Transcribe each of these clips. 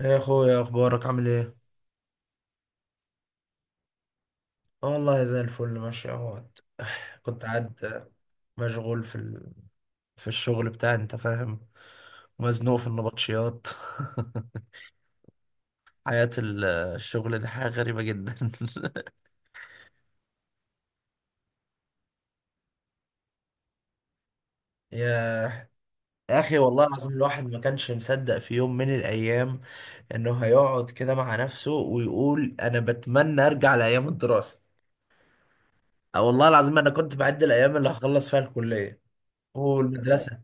يا اخويا اخبارك عامل ايه؟ اه والله زي الفل ماشي اهوت. كنت قاعد مشغول في الشغل بتاعي، انت فاهم، مزنوق في النبطشيات. حياة الشغل دي حاجة غريبة جدا. يا يا اخي والله العظيم الواحد ما كانش مصدق في يوم من الايام انه هيقعد كده مع نفسه ويقول انا بتمنى ارجع لايام الدراسة. اه والله العظيم انا كنت بعد الايام اللي هخلص فيها الكلية والمدرسة.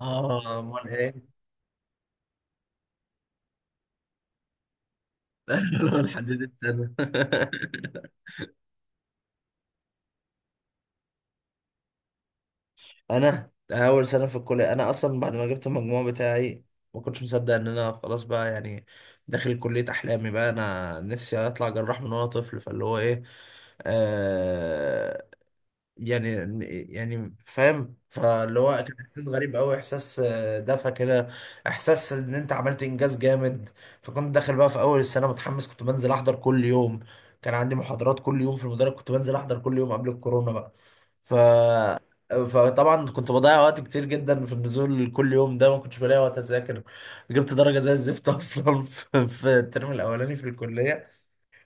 اه امال ايه؟ انا لحد دي السنه. انا اول سنه في الكليه، انا اصلا بعد ما جبت المجموع بتاعي ما كنتش مصدق ان انا خلاص بقى، يعني داخل كليه احلامي، بقى انا نفسي اطلع جراح من وانا طفل، فاللي هو ايه، آه يعني، يعني فاهم، فاللي هو كان احساس غريب قوي، احساس دفى كده، احساس ان انت عملت انجاز جامد. فكنت داخل بقى في اول السنه متحمس، كنت بنزل احضر كل يوم، كان عندي محاضرات كل يوم في المدرج، كنت بنزل احضر كل يوم قبل الكورونا بقى. ف... فطبعا كنت بضيع وقت كتير جدا في النزول كل يوم ده، ما كنتش بلاقي وقت اذاكر. جبت درجه زي الزفت اصلا في الترم الاولاني في الكليه.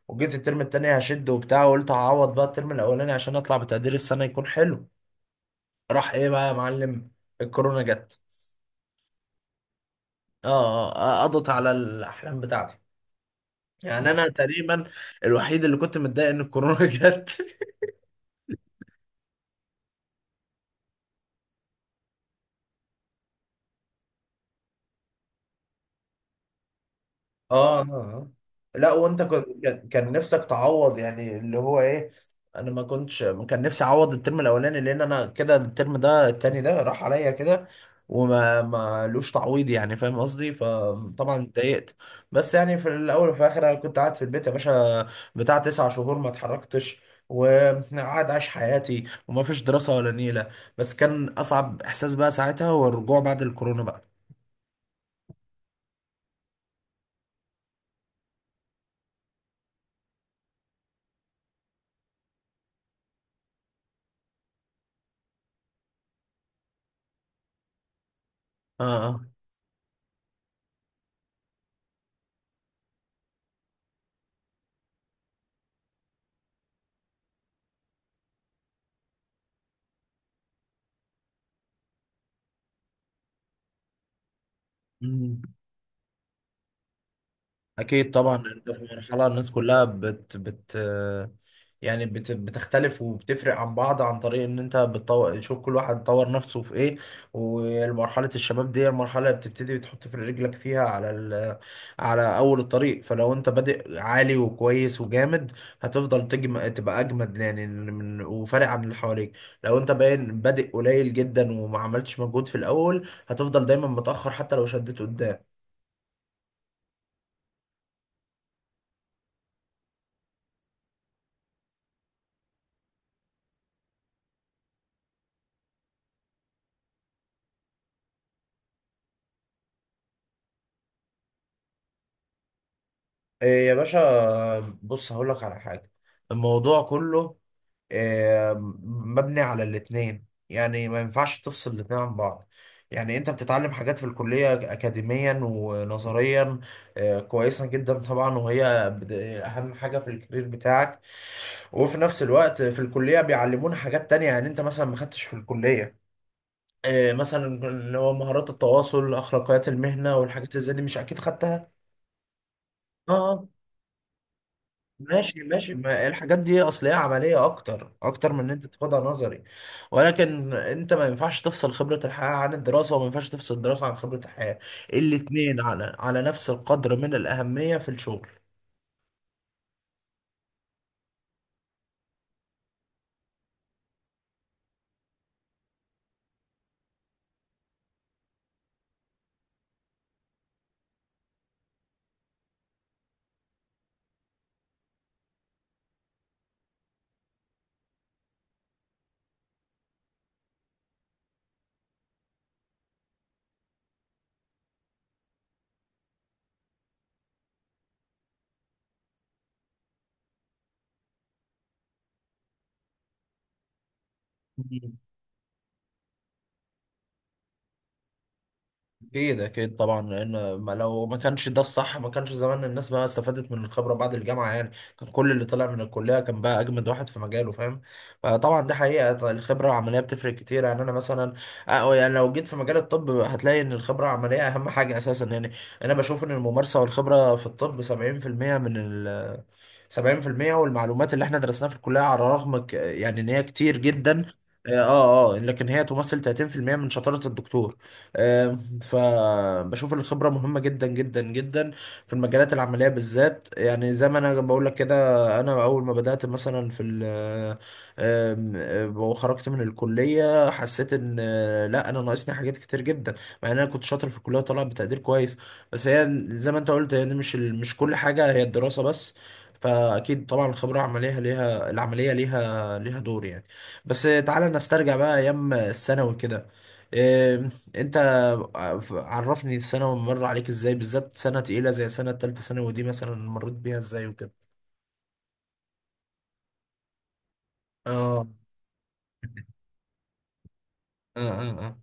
وجيت الترم التاني هشد وبتاع، وقلت هعوض بقى الترم الاولاني عشان اطلع بتقدير السنه يكون حلو. راح ايه بقى يا معلم؟ الكورونا جت. اه، قضت على الاحلام بتاعتي. يعني انا تقريبا الوحيد اللي كنت متضايق ان الكورونا جت. اه، آه، آه. لا، وانت كان نفسك تعوض، يعني اللي هو ايه. انا ما كنتش، كان نفسي اعوض الترم الاولاني، لان انا كده الترم ده التاني ده راح عليا كده، وما ما لوش تعويض يعني، فاهم قصدي، فطبعا اتضايقت. بس يعني في الاول وفي الاخر انا كنت قاعد في البيت يا باشا، بتاع تسع شهور ما اتحركتش، وقاعد عايش حياتي وما فيش دراسة ولا نيلة. بس كان اصعب احساس بقى ساعتها هو الرجوع بعد الكورونا بقى. اه، اه، اكيد طبعا. انت في مرحله الناس كلها بت، يعني بتختلف وبتفرق عن بعض، عن طريق ان انت بتطور، شوف كل واحد طور نفسه في ايه. ومرحله الشباب دي المرحله اللي بتبتدي بتحط في رجلك فيها على اول الطريق، فلو انت بادئ عالي وكويس وجامد هتفضل تبقى اجمد، وفارق عن اللي حواليك. لو انت باين بادئ قليل جدا وما عملتش مجهود في الاول هتفضل دايما متاخر حتى لو شديت قدام. إيه يا باشا؟ بص هقول لك على حاجة. الموضوع كله، إيه، مبني على الاتنين، يعني ما ينفعش تفصل الاتنين عن بعض. يعني انت بتتعلم حاجات في الكلية اكاديميا ونظريا، إيه، كويسة جدا طبعا، وهي اهم حاجة في الكارير بتاعك. وفي نفس الوقت في الكلية بيعلمونا حاجات تانية، يعني انت مثلا ما خدتش في الكلية، إيه، مثلا اللي هو مهارات التواصل، اخلاقيات المهنة والحاجات اللي زي دي، مش اكيد خدتها. اه، آه. ماشي ماشي، ما الحاجات دي اصل هي عمليه اكتر، اكتر من ان انت تاخدها نظري. ولكن انت ما ينفعش تفصل خبره الحياه عن الدراسه، وما ينفعش تفصل الدراسه عن خبره الحياه. الاتنين على على نفس القدر من الاهميه في الشغل. اكيد اكيد طبعا، لان ما لو ما كانش ده الصح ما كانش زمان الناس بقى استفادت من الخبره بعد الجامعه، يعني كان كل اللي طلع من الكليه كان بقى اجمد واحد في مجاله، فاهم؟ فطبعا ده حقيقه، الخبره العمليه بتفرق كتير. يعني انا مثلا، أه يعني لو جيت في مجال الطب هتلاقي ان الخبره العمليه اهم حاجه اساسا يعني. انا بشوف ان الممارسه والخبره في الطب 70% من ال 70%، والمعلومات اللي احنا درسناها في الكليه على الرغم يعني ان هي كتير جدا، لكن هي تمثل 30% من شطاره الدكتور. آه، فبشوف ان الخبرة مهمة جدا جدا جدا في المجالات العملية بالذات، يعني زي ما انا بقول لك كده. انا اول ما بدأت مثلا في ال آم، آم، آه، وخرجت من الكلية حسيت ان لا انا ناقصني حاجات كتير جدا، مع ان انا كنت شاطر في الكلية وطالع بتقدير كويس. بس هي زي ما انت قلت، يعني مش كل حاجة هي الدراسة بس. فاكيد طبعا الخبرة العملية ليها، العملية ليها دور يعني. بس تعالى نسترجع بقى ايام الثانوي كده، إيه، انت، طب عرفني السنة مر عليك ازاي؟ بالذات سنة تقيلة زي سنة تالتة ثانوي دي مثلا، مريت بيها ازاي وكده؟ اه، اه، اه، اه،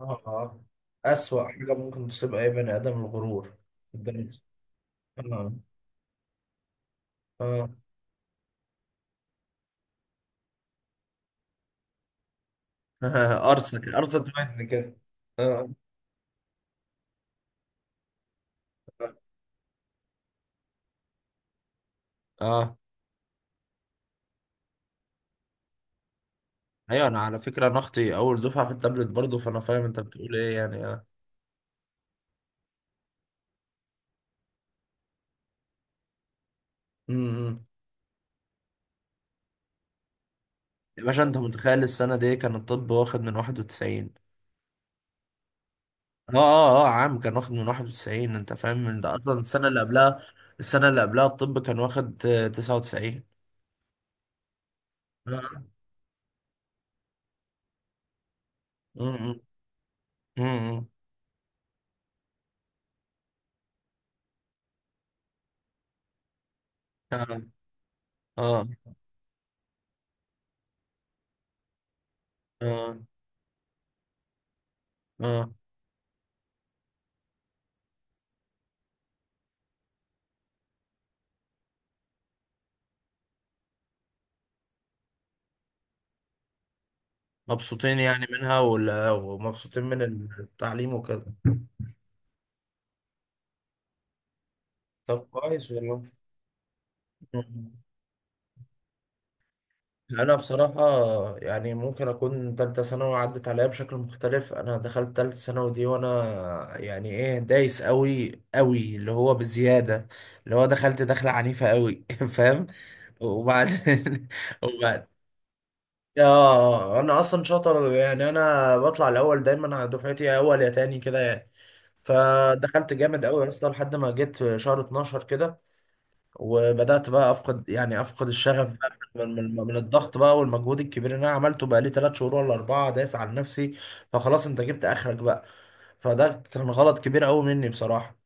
اه، آه. أسوأ حاجة ممكن تصيب أي بني آدم الغرور. الدنيا. اه، اه. أرسنال أرسنال تبعتني كده. اه، اه، آه. أيوة، أنا على فكرة أنا أختي أول دفعة في التابلت برضه، فأنا فاهم أنت بتقول إيه، يعني اه. أمم. يا باشا أنت متخيل السنة دي كان الطب واخد من 91؟ اه، اه، اه، عام كان واخد من 91، انت فاهم من ده؟ اصلا السنه اللي قبلها، السنه اللي قبلها الطب كان واخد 99. اه، م- م. اه، اه، اه. مبسوطين يعني منها ومبسوطين من التعليم وكده؟ طب كويس، والله. انا بصراحه، يعني ممكن اكون تالتة ثانوي عدت عليا بشكل مختلف. انا دخلت تالتة ثانوي دي وانا يعني ايه، دايس قوي قوي، اللي هو بزياده، اللي هو دخلت دخله عنيفه قوي فاهم. وبعد وبعد، اه انا اصلا شاطر، يعني انا بطلع الاول دايما على دفعتي يا اول يا تاني كده يعني. فدخلت جامد قوي اصلا لحد ما جيت شهر 12 كده، وبدأت بقى أفقد يعني أفقد الشغف بقى من الضغط بقى والمجهود الكبير اللي أنا عملته بقى لي تلات شهور ولا أربعة دايس على نفسي. فخلاص أنت جبت آخرك بقى. فده كان غلط كبير أوي مني بصراحة.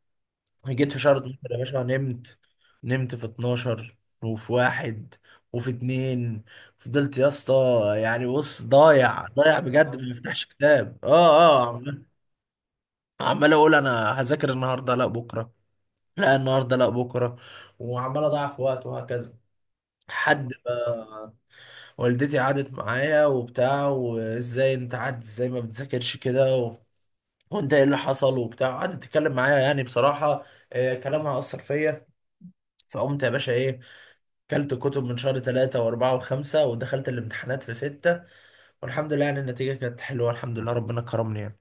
جيت في شهر 12 يا باشا نمت، نمت في 12، وفي واحد، وفي اتنين، فضلت يا اسطى، يعني بص ضايع بجد ما بفتحش كتاب، اه اه، عمال، عمال اقول انا هذاكر النهارده لا بكره، لا النهارده لا بكره، وعمال اضيع في وقت وهكذا، حد ما والدتي قعدت معايا وبتاع، وازاي انت قعدت ازاي ما بتذاكرش كده وانت ايه اللي حصل وبتاع، قعدت تتكلم معايا يعني بصراحة، كلامها أثر فيا. فقمت يا باشا ايه، كلت كتب من شهر ثلاثة وأربعة وخمسة، ودخلت الامتحانات في ستة، والحمد لله يعني النتيجة كانت حلوة، الحمد لله ربنا كرمني يعني.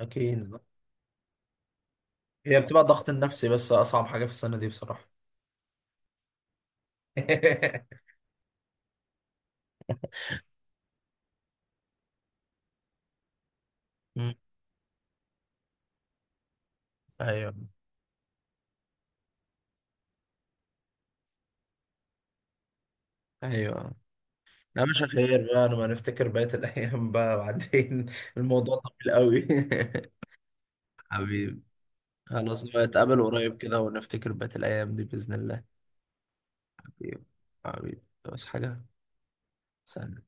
أكيد، هي بتبقى الضغط النفسي بس أصعب حاجة في السنة دي بصراحة. أمم، أيوه، أيوه. لا مش خير بقى، انا ما نفتكر بقية الايام بقى بعدين، الموضوع طويل قوي. حبيبي. خلاص بقى نتقابل قريب كده ونفتكر بقية الايام دي باذن الله. حبيبي، حبيبي، بس حاجة. سلام.